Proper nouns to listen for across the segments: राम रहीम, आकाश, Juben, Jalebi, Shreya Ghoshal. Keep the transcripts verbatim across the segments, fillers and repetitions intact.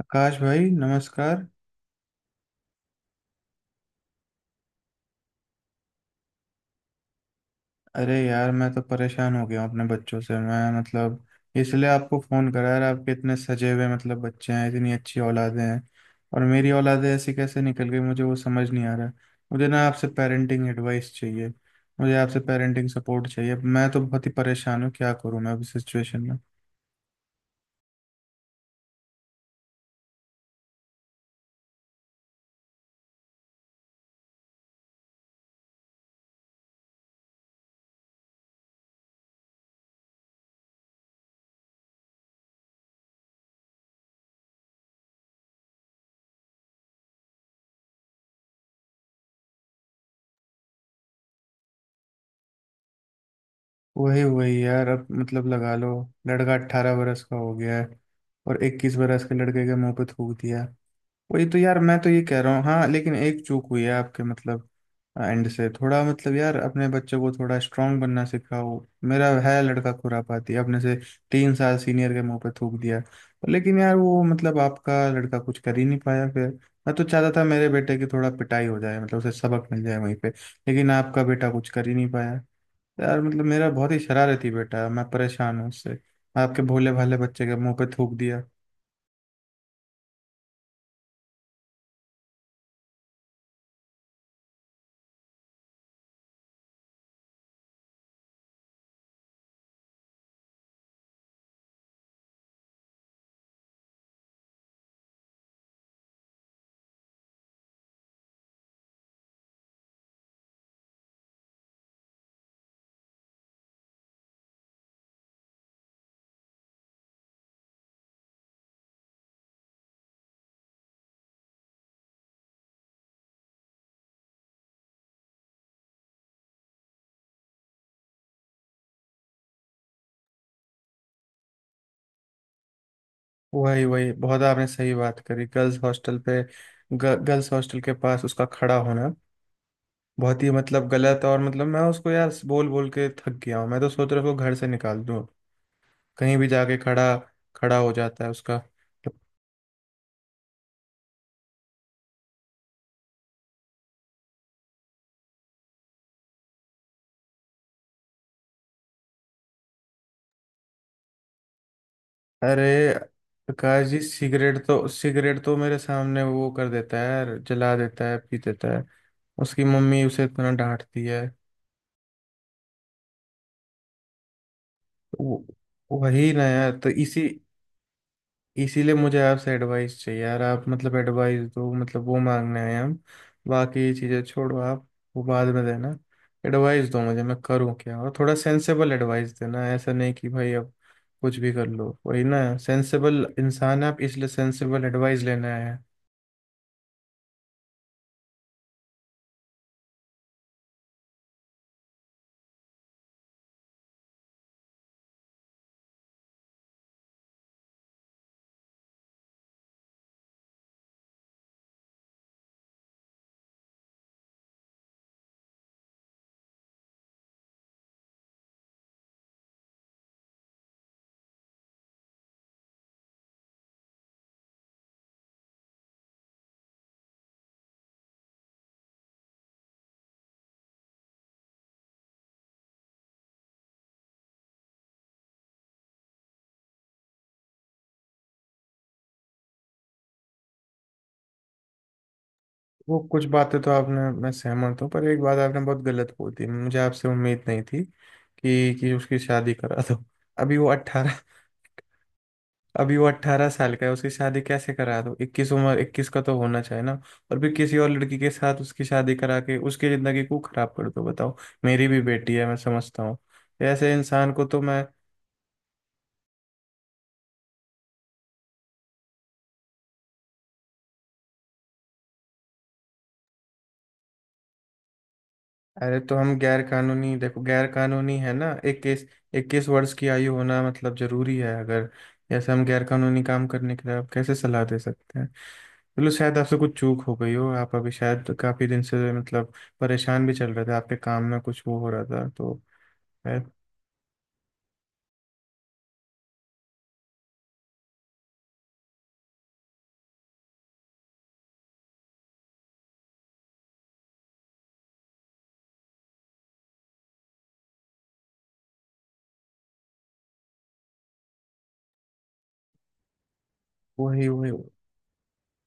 आकाश भाई नमस्कार। अरे यार, मैं तो परेशान हो गया हूँ अपने बच्चों से। मैं मतलब इसलिए आपको फ़ोन करा यार। आपके इतने सजे हुए मतलब बच्चे हैं, इतनी अच्छी औलादें हैं, और मेरी औलादें ऐसी कैसे निकल गई मुझे वो समझ नहीं आ रहा है। मुझे ना आपसे पेरेंटिंग एडवाइस चाहिए, मुझे आपसे पेरेंटिंग सपोर्ट चाहिए। मैं तो बहुत ही परेशान हूँ, क्या करूँ मैं अब इस सिचुएशन में। वही वही यार, अब मतलब लगा लो, लड़का अट्ठारह बरस का हो गया है और इक्कीस बरस के लड़के के मुंह पे थूक दिया। वही तो यार, मैं तो ये कह रहा हूँ, हाँ, लेकिन एक चूक हुई है आपके मतलब एंड से थोड़ा। मतलब यार, अपने बच्चों को थोड़ा स्ट्रांग बनना सिखाओ। मेरा है लड़का खुरापाती, अपने से तीन साल सीनियर के मुंह पे थूक दिया, लेकिन यार वो मतलब आपका लड़का कुछ कर ही नहीं पाया फिर। मैं तो चाहता था मेरे बेटे की थोड़ा पिटाई हो जाए, मतलब उसे सबक मिल जाए वहीं पे, लेकिन आपका बेटा कुछ कर ही नहीं पाया। यार मतलब मेरा बहुत ही शरारती बेटा है, मैं परेशान हूँ उससे। आपके भोले भाले बच्चे के मुंह पे थूक दिया। वही वही, बहुत आपने सही बात करी गर्ल्स हॉस्टल पे। ग, गर्ल्स हॉस्टल के पास उसका खड़ा होना बहुत ही मतलब गलत, और मतलब मैं उसको यार बोल बोल के थक गया हूँ। मैं तो सोच रहा हूँ उसको घर से निकाल दूँ। कहीं भी जाके खड़ा खड़ा हो जाता है उसका। अरे प्रकाश जी, सिगरेट तो सिगरेट तो मेरे सामने वो कर देता है, जला देता है, पी देता है। उसकी मम्मी उसे इतना डांटती है। वो वही ना यार, तो इसी इसीलिए मुझे आपसे एडवाइस चाहिए यार। आप मतलब एडवाइस दो, मतलब वो मांगने आए हम। बाकी चीज़ें छोड़ो आप, वो बाद में देना। एडवाइस दो मुझे, मैं करूँ क्या, और थोड़ा सेंसेबल एडवाइस देना। ऐसा नहीं कि भाई अब कुछ भी कर लो। वही ना, सेंसेबल इंसान है आप, इसलिए सेंसेबल एडवाइस लेने आए हैं। वो कुछ बातें तो आपने, मैं सहमत हूँ, पर एक बात आपने बहुत गलत बोल दी, मुझे आपसे उम्मीद नहीं थी कि कि उसकी शादी करा दो। अभी वो अट्ठारह अभी वो अट्ठारह साल का है, उसकी शादी कैसे करा दो। इक्कीस उम्र इक्कीस का तो होना चाहिए ना। और फिर किसी और लड़की के साथ उसकी शादी करा के उसकी जिंदगी को खराब कर दो, बताओ। मेरी भी बेटी है, मैं समझता हूँ। ऐसे इंसान को तो मैं, अरे तो हम गैर कानूनी, देखो गैर कानूनी है ना, इक्कीस इक्कीस वर्ष की आयु होना मतलब जरूरी है। अगर जैसे हम गैर कानूनी काम करने के लिए, आप कैसे सलाह दे सकते हैं। चलो, शायद आपसे कुछ चूक हो गई हो। आप अभी शायद काफी दिन से मतलब परेशान भी चल रहे थे, आपके काम में कुछ वो हो रहा था तो। वही वही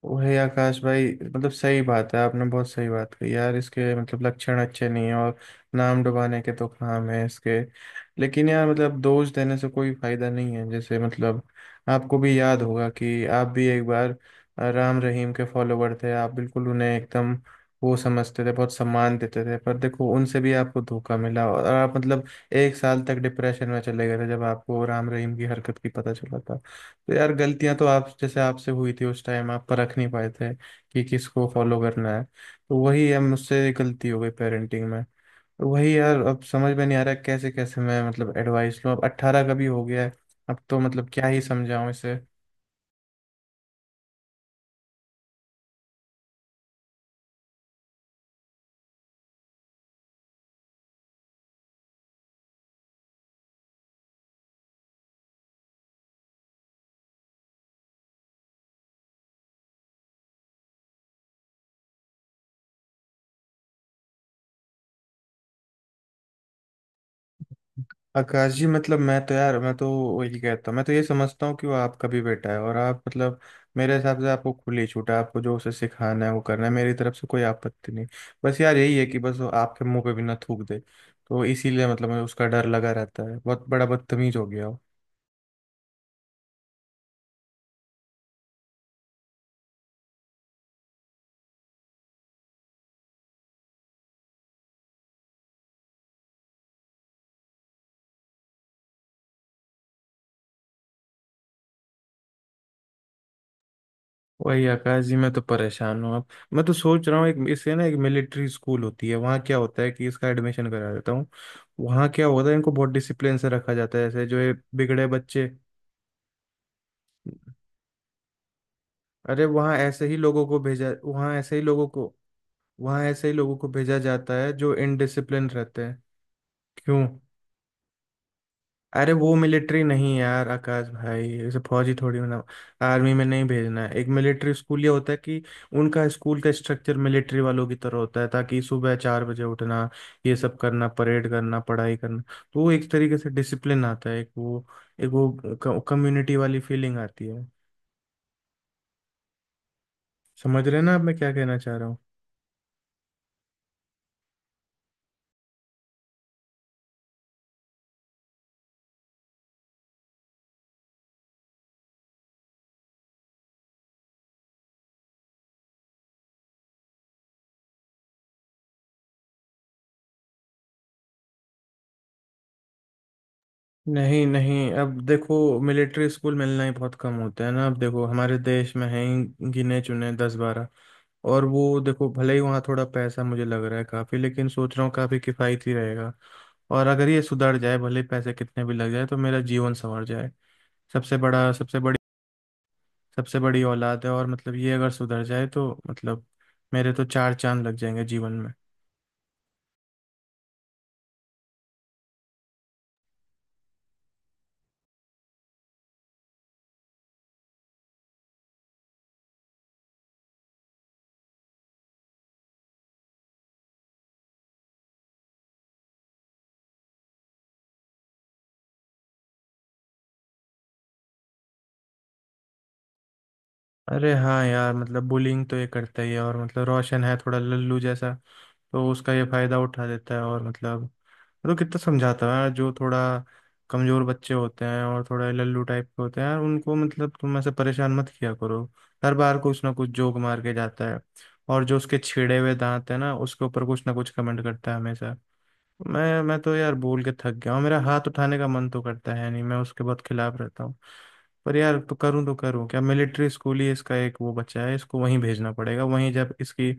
वही आकाश भाई, मतलब सही बात है, आपने बहुत सही बात कही यार, इसके मतलब लक्षण अच्छे नहीं है, और नाम डुबाने के तो काम है इसके। लेकिन यार मतलब दोष देने से कोई फायदा नहीं है। जैसे मतलब आपको भी याद होगा कि आप भी एक बार अ, राम रहीम के फॉलोवर थे। आप बिल्कुल उन्हें एकदम वो समझते थे, बहुत सम्मान देते थे, पर देखो उनसे भी आपको धोखा मिला, और आप मतलब एक साल तक डिप्रेशन में चले गए थे जब आपको राम रहीम की हरकत की पता चला था। तो यार गलतियां तो आप जैसे आपसे हुई थी उस टाइम, आप परख नहीं पाए थे कि किसको फॉलो करना है, तो वही है, मुझसे गलती हो गई पेरेंटिंग में। तो वही यार, अब समझ में नहीं आ रहा है कैसे कैसे मैं मतलब एडवाइस लूँ। अब अट्ठारह का भी हो गया है, अब तो मतलब क्या ही समझाऊं इसे। आकाश जी मतलब मैं तो यार मैं तो वही कहता हूँ, मैं तो ये समझता हूँ कि वो आपका भी बेटा है, और आप मतलब मेरे हिसाब से आपको खुली छूट है, आपको जो उसे सिखाना है वो करना है, मेरी तरफ से कोई आपत्ति नहीं। बस यार यही है कि बस वो आपके मुंह पे भी ना थूक दे, तो इसीलिए मतलब मुझे उसका डर लगा रहता है, बहुत बड़ा बदतमीज हो गया हो। वही आकाश जी, मैं तो परेशान हूँ अब। मैं तो सोच रहा हूँ, एक इससे ना, एक मिलिट्री स्कूल होती है, वहाँ क्या होता है कि इसका एडमिशन करा देता हूँ। वहाँ क्या होता है, इनको बहुत डिसिप्लिन से रखा जाता है, जैसे जो ये बिगड़े बच्चे, अरे वहाँ ऐसे ही लोगों को भेजा, वहाँ ऐसे ही लोगों को, वहाँ ऐसे ही लोगों को भेजा जाता है जो इनडिसिप्लिन रहते हैं। क्यों, अरे वो मिलिट्री नहीं यार आकाश भाई, ऐसे फौजी थोड़ी ना, आर्मी में नहीं भेजना है। एक मिलिट्री स्कूल ये होता है कि उनका स्कूल का स्ट्रक्चर मिलिट्री वालों की तरह होता है, ताकि सुबह चार बजे उठना, ये सब करना, परेड करना, पढ़ाई करना, तो वो एक तरीके से डिसिप्लिन आता है, एक वो एक वो कम्युनिटी वाली फीलिंग आती है। समझ रहे हैं ना आप मैं क्या कहना चाह रहा हूँ। नहीं नहीं, अब देखो, मिलिट्री स्कूल मिलना ही बहुत कम होता है ना, अब देखो हमारे देश में है ही गिने चुने दस बारह। और वो देखो, भले ही वहाँ थोड़ा पैसा मुझे लग रहा है काफ़ी, लेकिन सोच रहा हूँ काफ़ी किफ़ायती रहेगा, और अगर ये सुधर जाए भले ही पैसे कितने भी लग जाए तो मेरा जीवन संवर जाए। सबसे बड़ा सबसे बड़ी सबसे बड़ी औलाद है, और मतलब ये अगर सुधर जाए तो मतलब मेरे तो चार चांद लग जाएंगे जीवन में। अरे हाँ यार, मतलब बुलिंग तो ये करता ही है, और मतलब रोशन है थोड़ा लल्लू जैसा, तो उसका ये फायदा उठा देता है। और मतलब मतलब कितना समझाता है यार, जो थोड़ा कमजोर बच्चे होते हैं और थोड़ा लल्लू टाइप के होते हैं यार, उनको मतलब तुम ऐसे परेशान मत किया करो। हर बार कुछ ना कुछ जोक मार के जाता है, और जो उसके छिड़े हुए दांत है ना उसके ऊपर कुछ ना कुछ कमेंट करता है हमेशा। मैं मैं तो यार बोल के थक गया हूँ, मेरा हाथ उठाने का मन तो करता है, नहीं मैं उसके बहुत खिलाफ रहता हूँ। पर यार तो करूँ, तो करूँ क्या, मिलिट्री स्कूल ही इसका, एक वो बच्चा है, इसको वहीं भेजना पड़ेगा, वहीं जब इसकी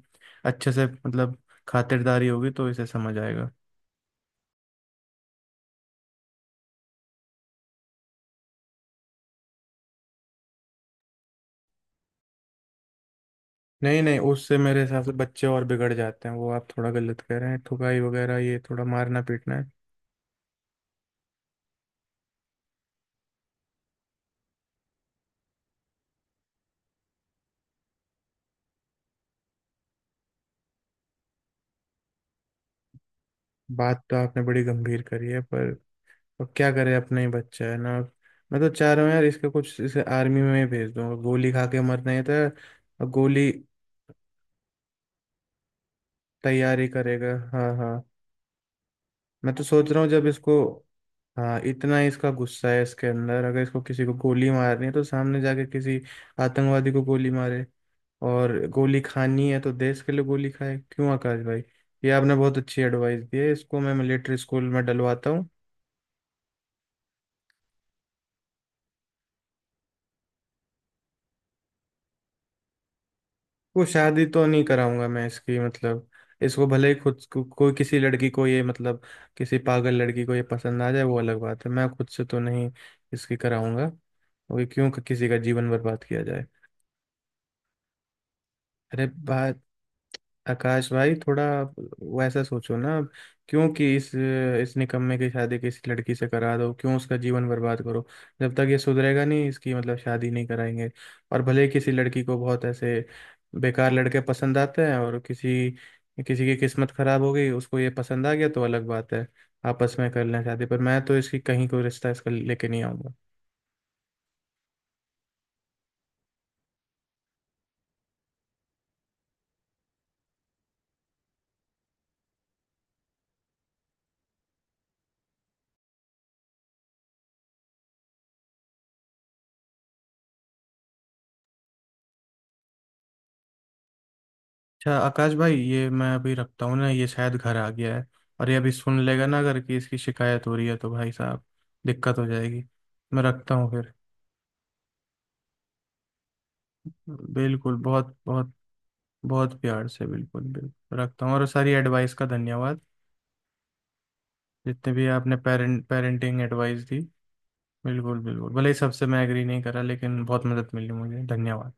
अच्छे से मतलब खातिरदारी होगी तो इसे समझ आएगा। नहीं नहीं, उससे मेरे हिसाब से बच्चे और बिगड़ जाते हैं, वो आप थोड़ा गलत कह रहे हैं, ठुकाई वगैरह ये थोड़ा मारना पीटना है। बात तो आपने बड़ी गंभीर करी है, पर अब क्या करे, अपना ही बच्चा है ना। मैं तो चाह रहा हूँ यार इसका कुछ, इसे आर्मी में ही भेज दूंगा, गोली खा के मरना ही था। और गोली तैयारी करेगा, हाँ हाँ, मैं तो सोच रहा हूँ जब इसको, हाँ इतना ही इसका गुस्सा है इसके अंदर, अगर इसको किसी को गोली मारनी है तो सामने जाके किसी आतंकवादी को गोली मारे, और गोली खानी है तो देश के लिए गोली खाए। क्यों आकाश भाई, ये आपने बहुत अच्छी एडवाइस दी है, इसको मैं मिलिट्री स्कूल में डलवाता हूँ। वो शादी तो नहीं कराऊंगा मैं इसकी, मतलब इसको भले ही खुद को कोई, किसी लड़की को ये मतलब, किसी पागल लड़की को ये पसंद आ जाए वो अलग बात है, मैं खुद से तो नहीं इसकी कराऊंगा, क्योंकि क्यों किसी का जीवन बर्बाद किया जाए। अरे बात आकाश भाई थोड़ा वैसा सोचो ना आप, क्यों कि इस इस निकम्मे की शादी किसी लड़की से करा दो, क्यों उसका जीवन बर्बाद करो। जब तक ये सुधरेगा नहीं, इसकी मतलब शादी नहीं कराएंगे। और भले ही किसी लड़की को, बहुत ऐसे बेकार लड़के पसंद आते हैं, और किसी किसी की किस्मत खराब हो गई उसको ये पसंद आ गया तो अलग बात है, आपस में कर लें शादी, पर मैं तो इसकी कहीं कोई रिश्ता इसका लेके नहीं आऊंगा। अच्छा आकाश भाई, ये मैं अभी रखता हूँ ना, ये शायद घर आ गया है, और ये अभी सुन लेगा ना अगर कि इसकी शिकायत हो रही है तो भाई साहब दिक्कत हो जाएगी। मैं रखता हूँ फिर। बिल्कुल, बहुत बहुत बहुत प्यार से, बिल्कुल बिल्कुल रखता हूँ, और सारी एडवाइस का धन्यवाद। जितने भी आपने पेरेंट पेरेंटिंग एडवाइस दी, बिल्कुल बिल्कुल, भले ही सबसे मैं एग्री नहीं करा, लेकिन बहुत मदद मिली मुझे, धन्यवाद।